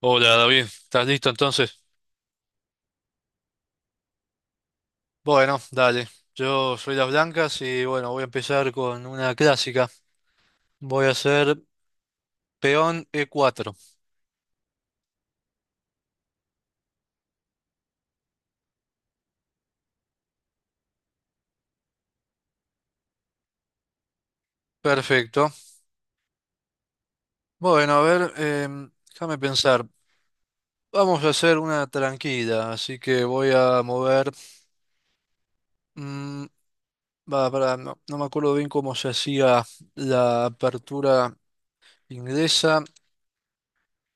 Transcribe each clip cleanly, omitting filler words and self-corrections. Hola David, ¿estás listo entonces? Bueno, dale. Yo soy Las Blancas y bueno, voy a empezar con una clásica. Voy a hacer peón E4. Perfecto. Bueno, a ver, déjame pensar. Vamos a hacer una tranquila, así que voy a mover... mm, va, pará, no, no me acuerdo bien cómo se hacía la apertura inglesa.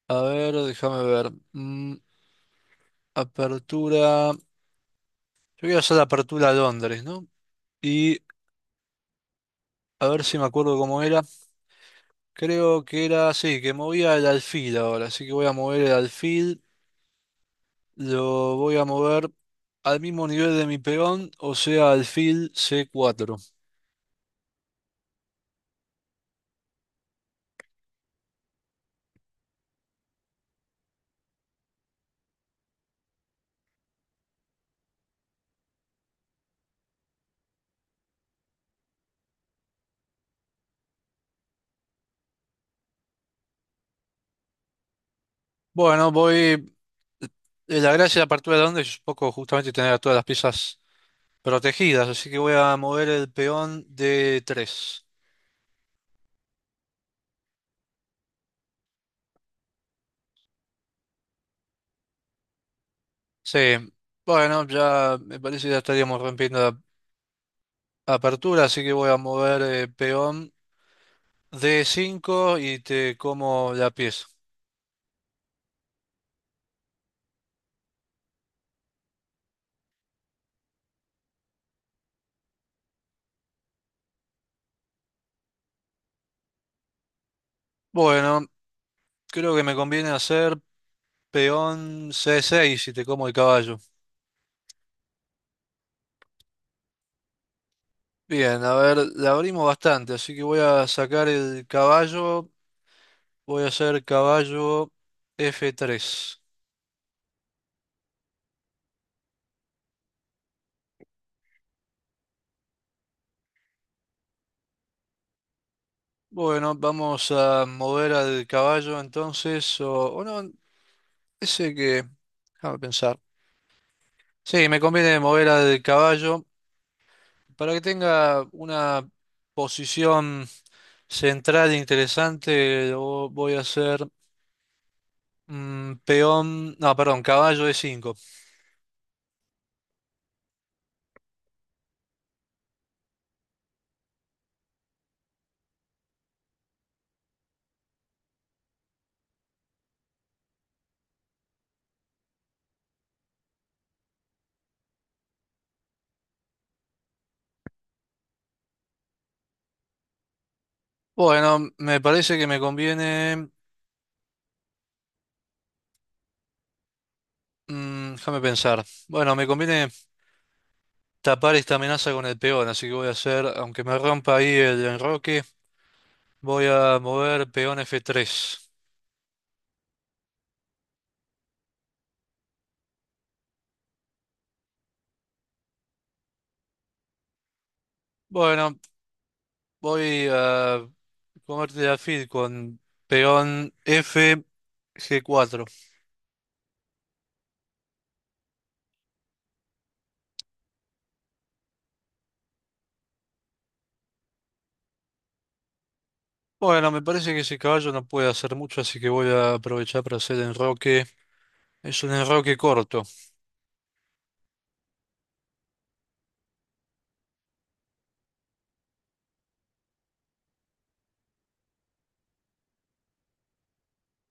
A ver, déjame ver. Apertura... Yo voy a hacer la apertura a Londres, ¿no? Y a ver si me acuerdo cómo era. Creo que era así, que movía el alfil ahora. Así que voy a mover el alfil. Lo voy a mover al mismo nivel de mi peón, o sea, alfil C4. Bueno, la gracia de la apertura de donde es un poco justamente tener a todas las piezas protegidas. Así que voy a mover el peón de 3. Sí. Bueno, ya me parece que ya estaríamos rompiendo la apertura. Así que voy a mover peón D5 y te como la pieza. Bueno, creo que me conviene hacer peón C6 si te como el caballo. Bien, a ver, la abrimos bastante, así que voy a sacar el caballo. Voy a hacer caballo F3. Bueno, vamos a mover al caballo entonces, o no, ese que... Déjame pensar. Sí, me conviene mover al caballo para que tenga una posición central interesante. Lo voy a hacer peón, no, perdón, caballo de 5. Bueno, me parece que me conviene, déjame pensar. Bueno, me conviene tapar esta amenaza con el peón, así que voy a hacer, aunque me rompa ahí el enroque, voy a mover peón F3. Bueno, voy a comerte la alfil con peón F G4. Bueno, me parece que ese caballo no puede hacer mucho, así que voy a aprovechar para hacer enroque. Es un enroque corto.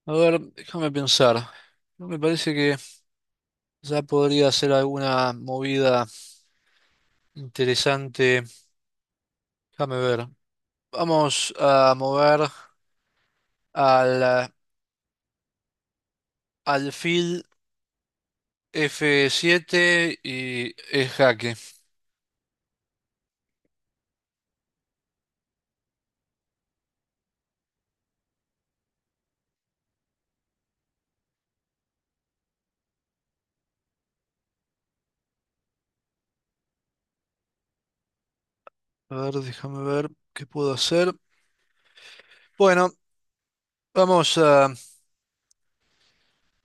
A ver, déjame pensar. No me parece que ya podría ser alguna movida interesante. Déjame ver. Vamos a mover al alfil F7 y es jaque. A ver, déjame ver qué puedo hacer. Bueno, vamos a...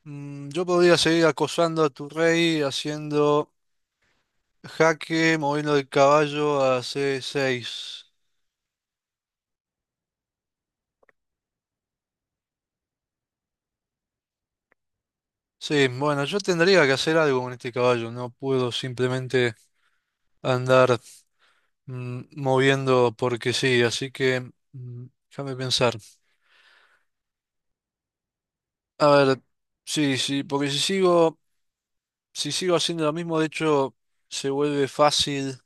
yo podría seguir acosando a tu rey haciendo jaque, moviendo el caballo a C6. Sí, bueno, yo tendría que hacer algo con este caballo, no puedo simplemente andar moviendo porque sí, así que déjame pensar. A ver, sí, sí, porque si sigo haciendo lo mismo, de hecho, se vuelve fácil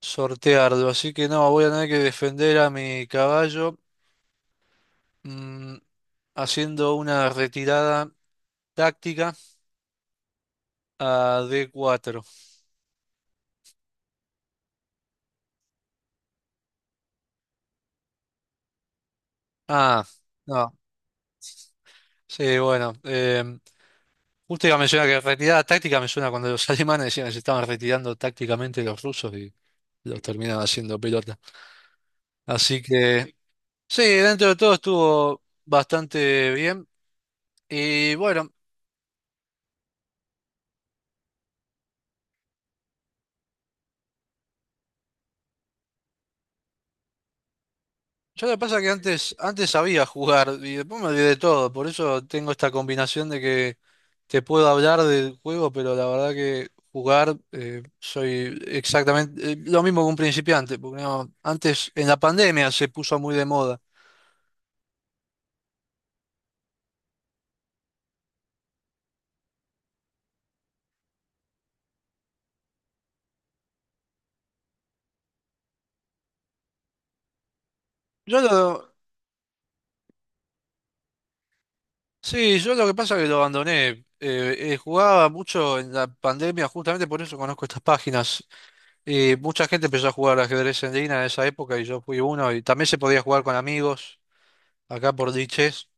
sortearlo, así que no, voy a tener que defender a mi caballo mm, haciendo una retirada táctica a d cuatro. Ah, no, sí, bueno. Justo iba a mencionar que retirada táctica me suena cuando los alemanes decían que se estaban retirando tácticamente los rusos y los terminaban haciendo pelota. Así que, sí, dentro de todo estuvo bastante bien. Y bueno, yo lo que pasa es que antes sabía jugar y después me olvidé de todo. Por eso tengo esta combinación de que te puedo hablar del juego, pero la verdad que jugar soy exactamente lo mismo que un principiante. Porque no, antes, en la pandemia, se puso muy de moda. Yo lo, Sí, yo lo que pasa es que lo abandoné. Jugaba mucho en la pandemia, justamente por eso conozco estas páginas. Mucha gente empezó a jugar ajedrez en línea en esa época y yo fui uno. Y también se podía jugar con amigos acá por diches.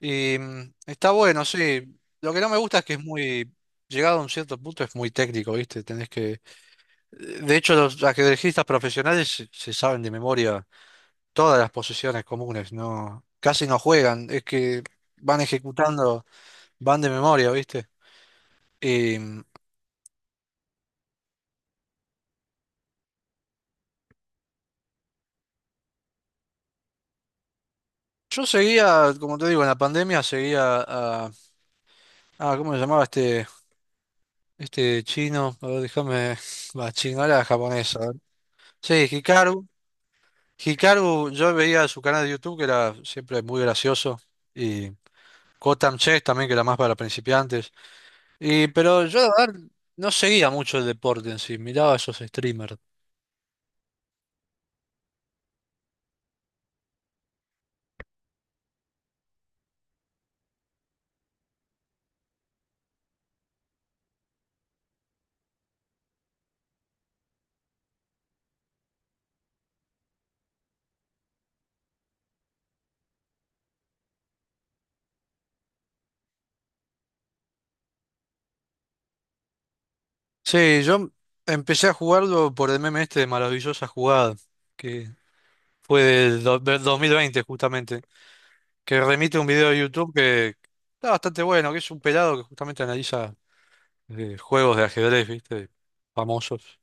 Y está bueno, sí. Lo que no me gusta es que es muy, llegado a un cierto punto, es muy técnico, ¿viste? Tenés que. De hecho, los ajedrecistas profesionales se saben de memoria todas las posiciones comunes, ¿no? Casi no juegan, es que van ejecutando, van de memoria, ¿viste? Em, yo seguía, como te digo, en la pandemia seguía a... Ah, ¿cómo se llamaba este chino? A ver, déjame... Va, chino, era japonés. A ver. Sí, Hikaru. Hikaru, yo veía su canal de YouTube que era siempre muy gracioso. Y Kotam Chess también, que era más para principiantes. Y, pero yo, la verdad, no seguía mucho el deporte en sí. Miraba a esos streamers. Sí, yo empecé a jugarlo por el meme este de Maravillosa Jugada, que fue del 2020 justamente, que remite a un video de YouTube que está bastante bueno, que es un pelado que justamente analiza juegos de ajedrez, ¿viste? Famosos.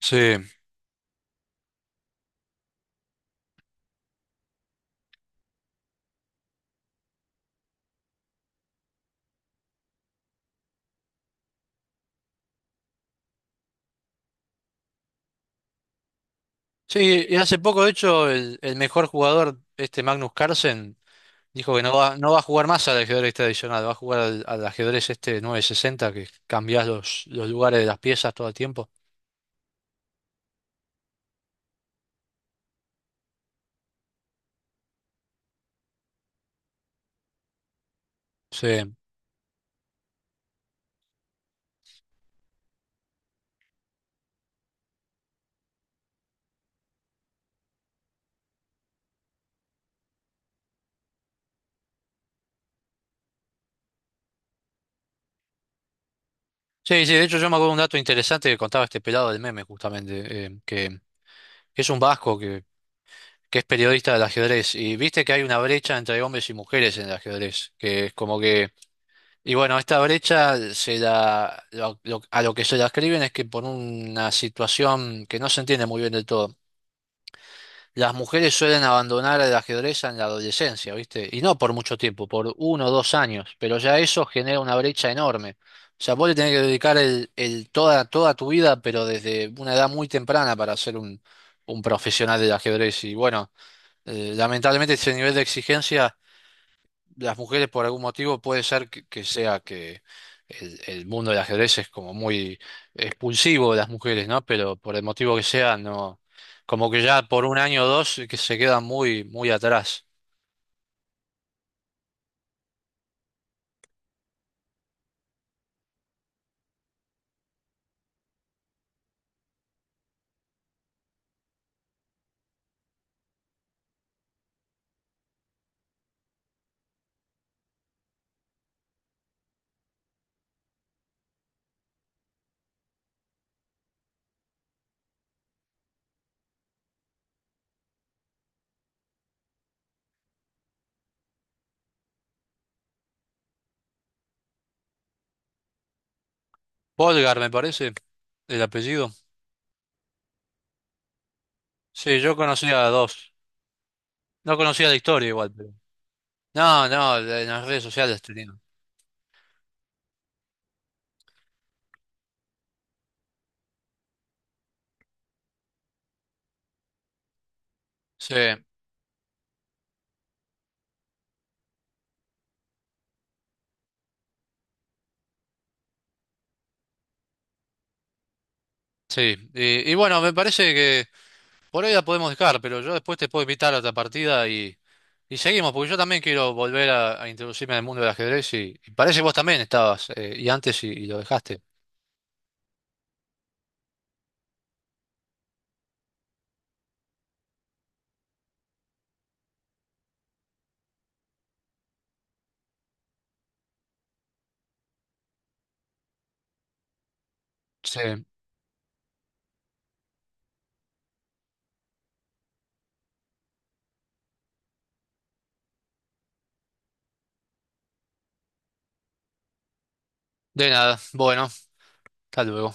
Sí, sí, y hace poco, de hecho, el mejor jugador, este Magnus Carlsen, dijo que no va a jugar más al ajedrez tradicional, va a jugar al, al ajedrez este 960, que cambiás los lugares de las piezas todo el tiempo. Sí. Sí, sí, de hecho yo me acuerdo un dato interesante que contaba este pelado del meme, justamente, que es un vasco que es periodista del ajedrez, y viste que hay una brecha entre hombres y mujeres en el ajedrez, que es como que, y bueno, esta brecha se la, lo- a lo que se la escriben es que por una situación que no se entiende muy bien del todo, las mujeres suelen abandonar el ajedrez en la adolescencia, ¿viste? Y no por mucho tiempo, por uno o dos años, pero ya eso genera una brecha enorme. O sea, vos le tenés que dedicar el toda tu vida, pero desde una edad muy temprana para ser un profesional del ajedrez. Y bueno, lamentablemente ese nivel de exigencia, las mujeres por algún motivo puede ser que sea que el mundo del ajedrez es como muy expulsivo de las mujeres, ¿no? Pero por el motivo que sea, no, como que ya por un año o dos que se quedan muy, muy atrás. Polgar, me parece, el apellido. Sí, yo conocía a dos. No conocía la historia igual, pero. No, no, en las redes sociales tenía. Sí, sí. Y bueno, me parece que por hoy la podemos dejar, pero yo después te puedo invitar a otra partida. Y seguimos, porque yo también quiero volver a introducirme en el mundo del ajedrez y parece que vos también estabas, y antes y lo dejaste. Sí. De nada, bueno, hasta luego.